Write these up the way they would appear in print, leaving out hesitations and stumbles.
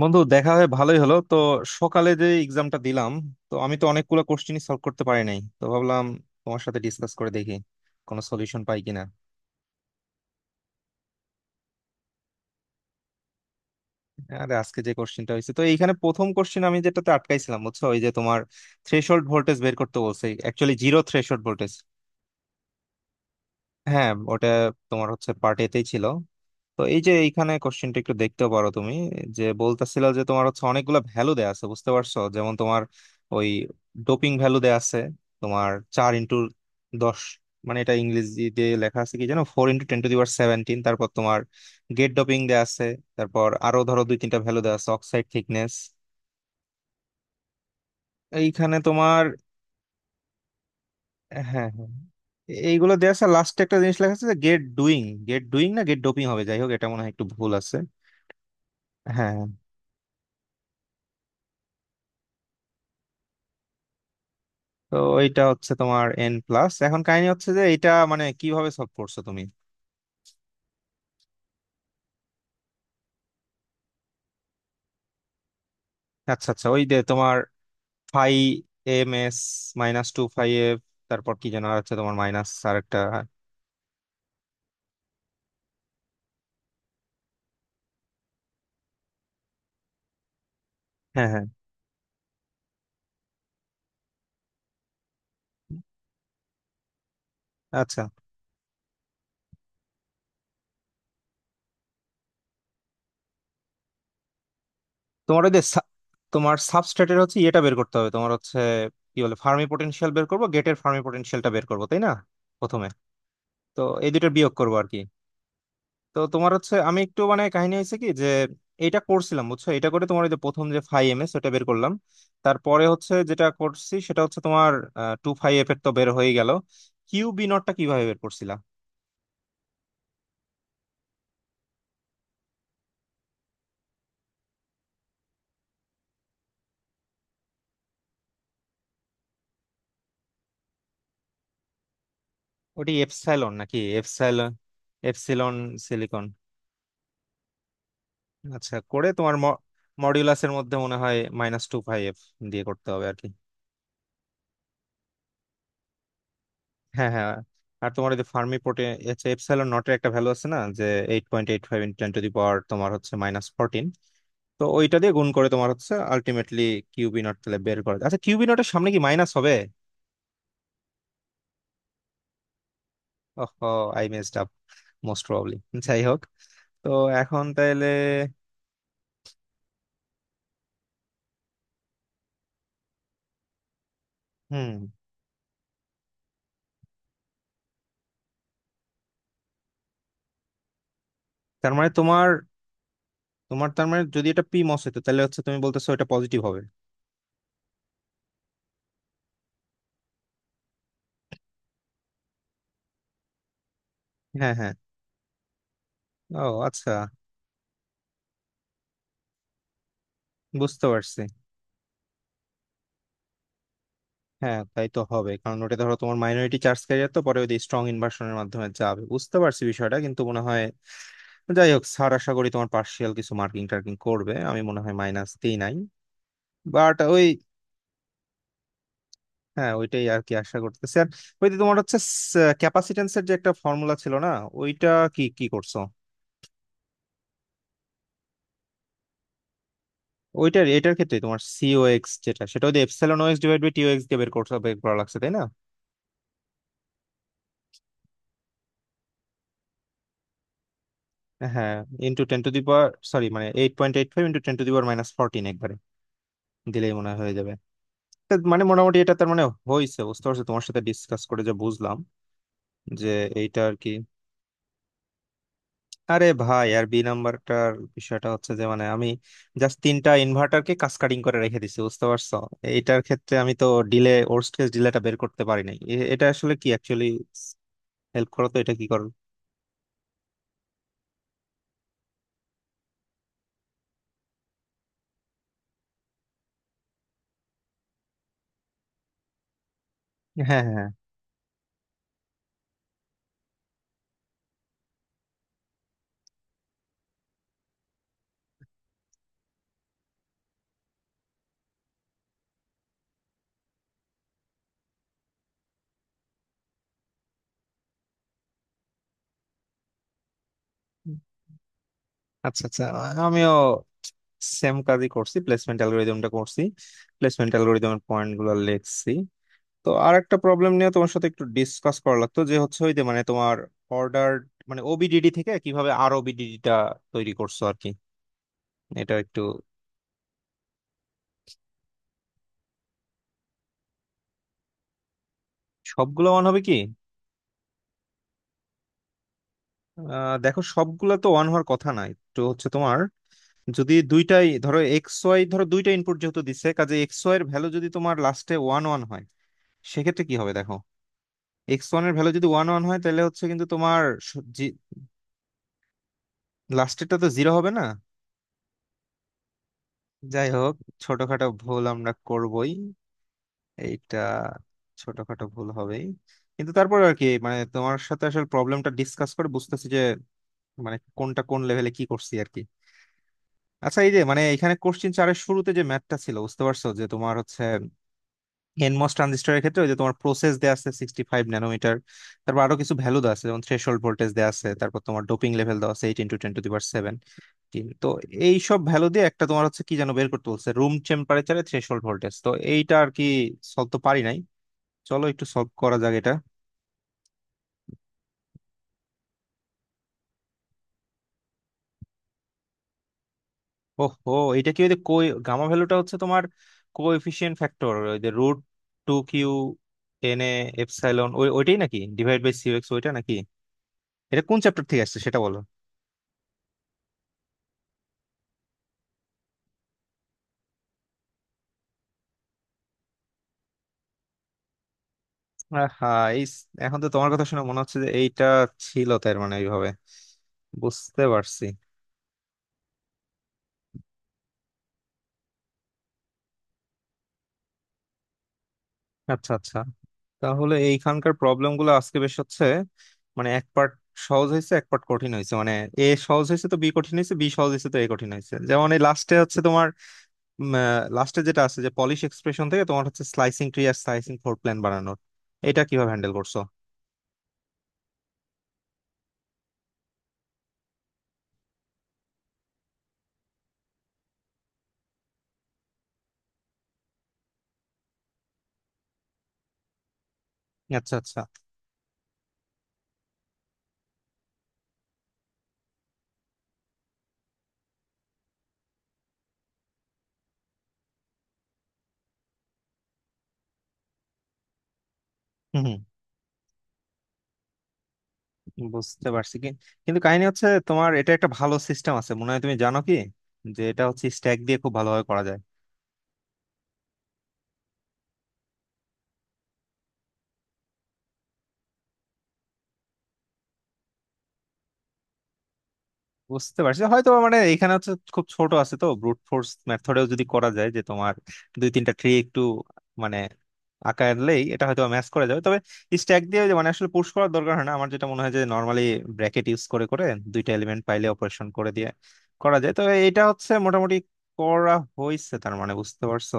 বন্ধু দেখা হয়ে ভালোই হলো তো। সকালে যে এক্সামটা দিলাম, তো আমি তো অনেকগুলো কোশ্চেনই সলভ করতে পারি নাই, তো ভাবলাম তোমার সাথে ডিসকাস করে দেখি কোনো সলিউশন পাই কিনা। আরে আজকে যে কোশ্চেনটা হয়েছে, তো এইখানে প্রথম কোশ্চেন আমি যেটাতে আটকাইছিলাম বুঝছো, ওই যে তোমার থ্রেশহোল্ড ভোল্টেজ বের করতে বলছে, অ্যাকচুয়ালি জিরো থ্রেশহোল্ড ভোল্টেজ। হ্যাঁ, ওটা তোমার হচ্ছে পার্ট এতেই ছিল। তো এই যে এইখানে কোশ্চেনটা একটু দেখতে পারো তুমি, যে বলতেছিল যে তোমার হচ্ছে অনেকগুলো ভ্যালু দেয়া আছে, বুঝতে পারছো, যেমন তোমার ওই ডোপিং ভ্যালু দেয়া আছে, তোমার চার ইন্টু দশ, মানে এটা ইংরেজিতে লেখা আছে কি জানো, 4×10^17। তারপর তোমার গেট ডোপিং দেয়া আছে, তারপর আরো ধরো দুই তিনটা ভ্যালু দেয়া আছে, অক্সাইড থিকনেস এইখানে তোমার। হ্যাঁ, হ্যাঁ, এইগুলো দেয়া আছে। লাস্টে একটা জিনিস লেখা আছে যে গেট ডুইং, গেট ডুইং না, গেট ডোপিং হবে, যাই হোক এটা মনে হয় একটু ভুল আছে। হ্যাঁ, হ্যাঁ। তো এইটা হচ্ছে তোমার এন প্লাস। এখন কাহিনী হচ্ছে যে এটা মানে কিভাবে সলভ করছো তুমি? আচ্ছা, আচ্ছা, ওই যে তোমার five M S minus two five F, তারপর কি যেন আছে তোমার মাইনাস আর একটা। হ্যাঁ, হ্যাঁ। আচ্ছা তোমার ওই যে তোমার সাবস্ট্রেটের হচ্ছে ইয়েটা বের করতে হবে, তোমার হচ্ছে কি বলে ফার্মি পটেনশিয়াল বের করবো, গেটের ফার্মি পটেনশিয়ালটা বের করবো, তাই না, প্রথমে? তো এই দুটোর বিয়োগ করবো আর কি। তো তোমার হচ্ছে আমি একটু মানে কাহিনী হয়েছে কি যে এটা করছিলাম বুঝছো, এটা করে তোমার ওই যে প্রথম যে ফাইভ এম এস ওটা বের করলাম। তারপরে হচ্ছে যেটা করছি সেটা হচ্ছে তোমার টু ফাইভ এফ এর তো বের হয়ে গেল। কিউ বি নটটা কিভাবে বের করছিলা? ওটি এপসাইলন নাকি এপসাইলন? Epsilon silicon. আচ্ছা, করে তোমার মডিউলাসের মধ্যে মনে হয় মাইনাস টু ফাইভ এফ দিয়ে করতে হবে আর কি। হ্যাঁ, হ্যাঁ। আর তোমার ওই যে ফার্মি পোর্টে এপসাইলন নটের একটা ভ্যালু আছে না, যে 8.85×10^-14, তো ওইটা দিয়ে গুণ করে তোমার হচ্ছে আলটিমেটলি কিউবি নট তাহলে বের করে। আচ্ছা, কিউবি নটের সামনে কি মাইনাস হবে? Oh, I messed up, most probably. যাই হোক, তো এখন তাহলে। হুম। তার মানে তোমার তোমার তার মানে যদি এটা পি মস হতো তাহলে হচ্ছে তুমি বলতেছো এটা পজিটিভ হবে? হ্যাঁ, হ্যাঁ, ও আচ্ছা। বুঝতে পারছি। হ্যাঁ, তাই তো হবে, কারণ ওটা ধরো তোমার মাইনরিটি চার্জ ক্যারিয়ার তো পরে ওই স্ট্রং ইনভার্সনের মাধ্যমে যাবে। বুঝতে পারছি বিষয়টা, কিন্তু মনে হয়, যাই হোক, স্যার আশা করি তোমার পার্সিয়াল কিছু মার্কিং টার্কিং করবে। আমি মনে হয় মাইনাস দিই নাই, বাট ওই, হ্যাঁ ওইটাই আর কি, আশা করতেছি। আর ওই যে তোমার হচ্ছে ক্যাপাসিটেন্সের যে একটা ফর্মুলা ছিল না, ওইটা কি কি করছো? ওইটার, এটার ক্ষেত্রে তোমার সিওএক্স যেটা, সেটা ওই epsilon OX divide by TOX দিয়ে বের করতে, বের করা লাগছে, তাই না? হ্যাঁ, into ten to the power sorry, মানে 8.85×10^-14 একবারে দিলেই মনে হয় হয়ে যাবে। তা মানে মোটামুটি এটা, তার মানে হয়েছে, বুঝতে পারছো, তোমার সাথে ডিসকাস করে যা বুঝলাম যে এইটা আর কি। আরে ভাই, আর বি নাম্বারটার বিষয়টা হচ্ছে যে মানে আমি জাস্ট তিনটা ইনভার্টারকে কাসকেডিং করে রেখে দিছি, বুঝতে পারছো। এটার ক্ষেত্রে আমি তো ডিলে ওর্স্ট কেস ডিলেটা বের করতে পারি নাই। এটা আসলে কি অ্যাকচুয়ালি, হেল্প করো তো এটা কি করো। হ্যাঁ, হ্যাঁ, আচ্ছা, আচ্ছা, আমিও সেম কাজই করছি, প্লেসমেন্ট অ্যালগোরিদমটা করছি, প্লেসমেন্ট অ্যালগোরিদমের পয়েন্ট গুলো লিখছি। তো আর একটা প্রবলেম নিয়ে তোমার সাথে একটু ডিসকাস করা লাগতো যে হচ্ছে ওই যে মানে তোমার অর্ডার, মানে ওবিডিডি থেকে কিভাবে আর ওবিডিডিটা তৈরি করছো আর কি, এটা একটু। সবগুলো ওয়ান হবে কি? দেখো সবগুলা তো ওয়ান হওয়ার কথা না, একটু হচ্ছে তোমার, যদি দুইটাই ধরো এক্স ওয়াই ধরো দুইটা ইনপুট যেহেতু দিছে, কাজে এক্স ওয়াই এর ভ্যালু যদি তোমার লাস্টে ওয়ান ওয়ান হয় সেক্ষেত্রে কি হবে দেখো, এক্স ওয়ান এর ভ্যালু যদি ওয়ান ওয়ান হয় তাহলে হচ্ছে কিন্তু তোমার স- জি- লাস্টেরটা তো জিরো হবে না। যাই হোক, ছোটখাটো ভুল আমরা করবই, এইটা ছোটখাটো ভুল হবেই। কিন্তু তারপর আর কি, মানে তোমার সাথে আসলে প্রবলেমটা ডিসকাস করে বুঝতেছি যে মানে কোনটা কোন লেভেলে কি করছি আর কি। আচ্ছা, এই যে মানে এখানে কোশ্চিন চারের শুরুতে যে ম্যাথটা ছিল বুঝতে পারছো, যে তোমার হচ্ছে এনমস ট্রানজিস্টরের ক্ষেত্রে ওই যে তোমার প্রসেস দেয়া আছে 65 ন্যানোমিটার, তারপর আরো কিছু ভ্যালু দেওয়া আছে, যেমন থ্রেশহোল্ড ভোল্টেজ দেওয়া আছে, তারপর তোমার ডোপিং লেভেল দেওয়া আছে 8×10^7। তো এই সব ভ্যালু দিয়ে একটা তোমার হচ্ছে কি যেন বের করতে বলছে, রুম টেম্পারেচারে থ্রেশহোল্ড ভোল্টেজ, তো এইটা আর কি সলভ তো পারি নাই। চলো একটু সলভ করা যাক এটা। ওহো, এটা কি ওই যে কোই গামা ভ্যালুটা হচ্ছে তোমার কোএফিসিয়েন্ট ফ্যাক্টর ওই যে root two Q N A epsilon, ওই ওইটাই নাকি ডিভাইড বাই সিউ এক্স, ওইটা নাকি? এটা কোন চ্যাপ্টার থেকে আসছে সেটা বলো। হ্যাঁ, এই এখন তো তোমার কথা শুনে মনে হচ্ছে যে এইটা ছিল, তার মানে এইভাবে বুঝতে পারছি। আচ্ছা, আচ্ছা, তাহলে এইখানকার প্রবলেম গুলো আজকে বেশ হচ্ছে মানে, এক পার্ট সহজ হয়েছে এক পার্ট কঠিন হয়েছে, মানে এ সহজ হয়েছে তো বি কঠিন হয়েছে, বি সহজ হয়েছে তো এ কঠিন হয়েছে। যেমন এই লাস্টে হচ্ছে তোমার লাস্টে যেটা আছে যে পলিশ এক্সপ্রেশন থেকে তোমার হচ্ছে স্লাইসিং ট্রি আর স্লাইসিং ফোর প্ল্যান বানানোর, এটা কিভাবে হ্যান্ডেল করছো? আচ্ছা, আচ্ছা। হুম। হুম, বুঝতে পারছি কি, কিন্তু কাহিনী হচ্ছে তোমার এটা একটা ভালো সিস্টেম আছে মনে হয়, তুমি জানো কি যে এটা হচ্ছে স্ট্যাক দিয়ে খুব ভালোভাবে করা যায়। বুঝতে পারছি, হয়তো মানে এখানে হচ্ছে খুব ছোট আছে তো ব্রুট ফোর্স মেথডেও যদি করা যায়, যে তোমার দুই তিনটা ট্রি একটু মানে আঁকালেই এটা হয়তো ম্যাচ করা যাবে। তবে স্ট্যাক দিয়ে যে মানে আসলে পুশ করার দরকার হয় না, আমার যেটা মনে হয় যে নর্মালি ব্র্যাকেট ইউজ করে করে দুইটা এলিমেন্ট পাইলে অপারেশন করে দিয়ে করা যায়। তো এটা হচ্ছে মোটামুটি করা হয়েছে, তার মানে বুঝতে পারছো,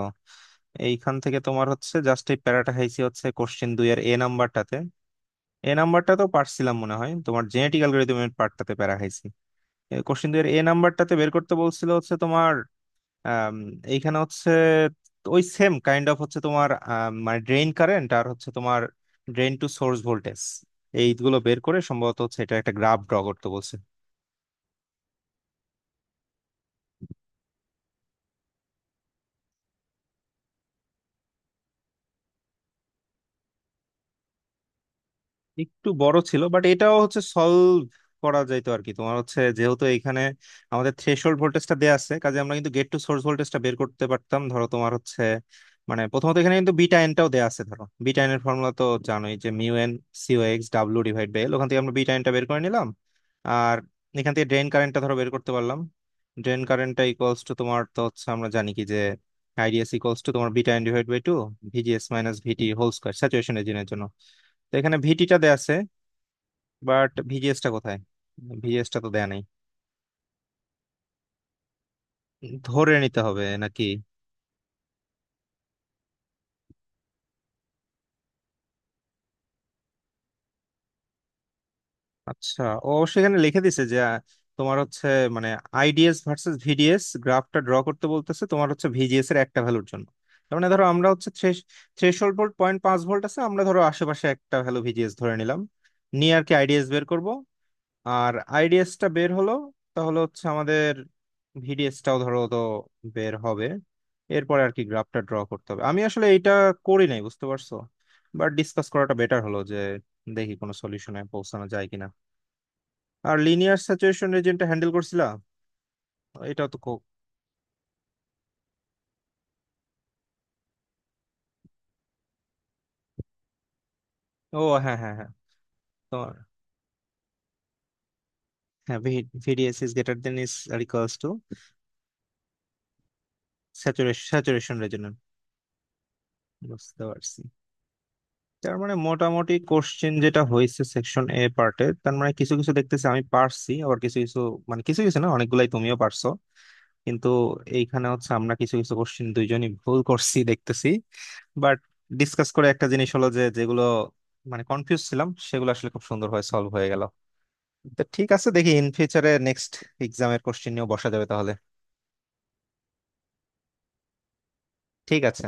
এইখান থেকে তোমার হচ্ছে জাস্ট এই প্যারাটা খাইছি, হচ্ছে কোশ্চেন দুই এর এ নাম্বারটাতে, এ নাম্বারটা তো পারছিলাম মনে হয়, তোমার জেনেটিক অ্যালগরিদমের পার্টটাতে প্যারা খাইছি। কোশ্চিন দুই এর এ নাম্বারটাতে বের করতে বলছিল হচ্ছে তোমার আম, এইখানে হচ্ছে ওই সেম কাইন্ড অফ হচ্ছে তোমার, মানে ড্রেইন কারেন্ট আর হচ্ছে তোমার ড্রেইন টু সোর্স ভোল্টেজ, এইগুলো বের করে সম্ভবত হচ্ছে এটা একটা গ্রাফ ড্র করতে বলছে। একটু বড় ছিল বাট এটাও হচ্ছে সলভ করা যাইতো আর কি। তোমার হচ্ছে যেহেতু এখানে আমাদের থ্রেশহোল্ড ভোল্টেজটা দেয়া আছে, কাজে আমরা কিন্তু গেট টু সোর্স ভোল্টেজটা বের করতে পারতাম। ধরো তোমার হচ্ছে মানে প্রথমত এখানে কিন্তু বিটা এনটাও দেয়া আছে, ধরো বিটা এন এর ফর্মুলা তো জানোই, যে mu N C O X W divide by L, ওখান থেকে আমরা বিটা এনটা বের করে নিলাম। আর এখান থেকে ড্রেন কারেন্টটা ধরো বের করতে পারলাম। ড্রেন কারেন্টটা ইকুয়ালস টু তোমার, তো হচ্ছে আমরা জানি কি যে আইডিএস ইকুয়ালস টু তোমার beta N divide by two VGS minus VT whole square, saturation রিজিয়নের জন্য। তো এখানে ভিটিটা দেয়া আছে, বাট ভিজিএসটা কোথায়? ভিজিএসটা তো দেয়া নেই। ধরে নিতে হবে নাকি? আচ্ছা, ও সেখানে লিখে দিছে যে তোমার হচ্ছে মানে আইডিএস ভার্সেস ভিডিএস গ্রাফটা ড্র করতে বলতেছে তোমার হচ্ছে ভিজিএস এর একটা ভ্যালুর জন্য। তার মানে ধরো আমরা হচ্ছে থ্রেশহোল্ড ভোল্ট 0.5 ভোল্ট আছে, আমরা ধরো আশেপাশে একটা ভ্যালু ভিজিএস ধরে নিলাম, নিয়ে আর কি আইডিএস বের করব। আর আইডিএসটা বের হলো, তাহলে হচ্ছে আমাদের ভিডিএসটাও ধরো তো বের হবে। এরপরে আর কি গ্রাফটা ড্র করতে হবে। আমি আসলে এটা করি নাই, বুঝতে পারছো, বাট ডিসকাস করাটা বেটার হলো যে দেখি কোনো সলিউশনে পৌঁছানো যায় কিনা। আর লিনিয়ার স্যাচুরেশন রিজিয়নটা হ্যান্ডেল করছিলা? এটাও তো ও হ্যাঁ, হ্যাঁ, হ্যাঁ। তোমার, হ্যাঁ, VDS is greater than is or equals to, saturation saturation region, বুঝতে পারছি। তার মানে মোটামুটি কোশ্চেন যেটা হয়েছে সেকশন এ পার্টে, তার মানে কিছু কিছু দেখতেছি আমি পারছি, আবার কিছু কিছু মানে কিছু কিছু না, অনেকগুলাই তুমিও পারছো, কিন্তু এইখানে হচ্ছে আমরা কিছু কিছু কোশ্চেন দুইজনই ভুল করছি দেখতেছি। বাট ডিসকাস করে একটা জিনিস হলো যে যেগুলো মানে কনফিউজ ছিলাম সেগুলো আসলে খুব সুন্দর হয়ে সলভ হয়ে গেল। তো ঠিক আছে, দেখি ইন ফিউচারে নেক্সট এক্সামের কোশ্চেন নিয়েও বসা যাবে তাহলে। ঠিক আছে।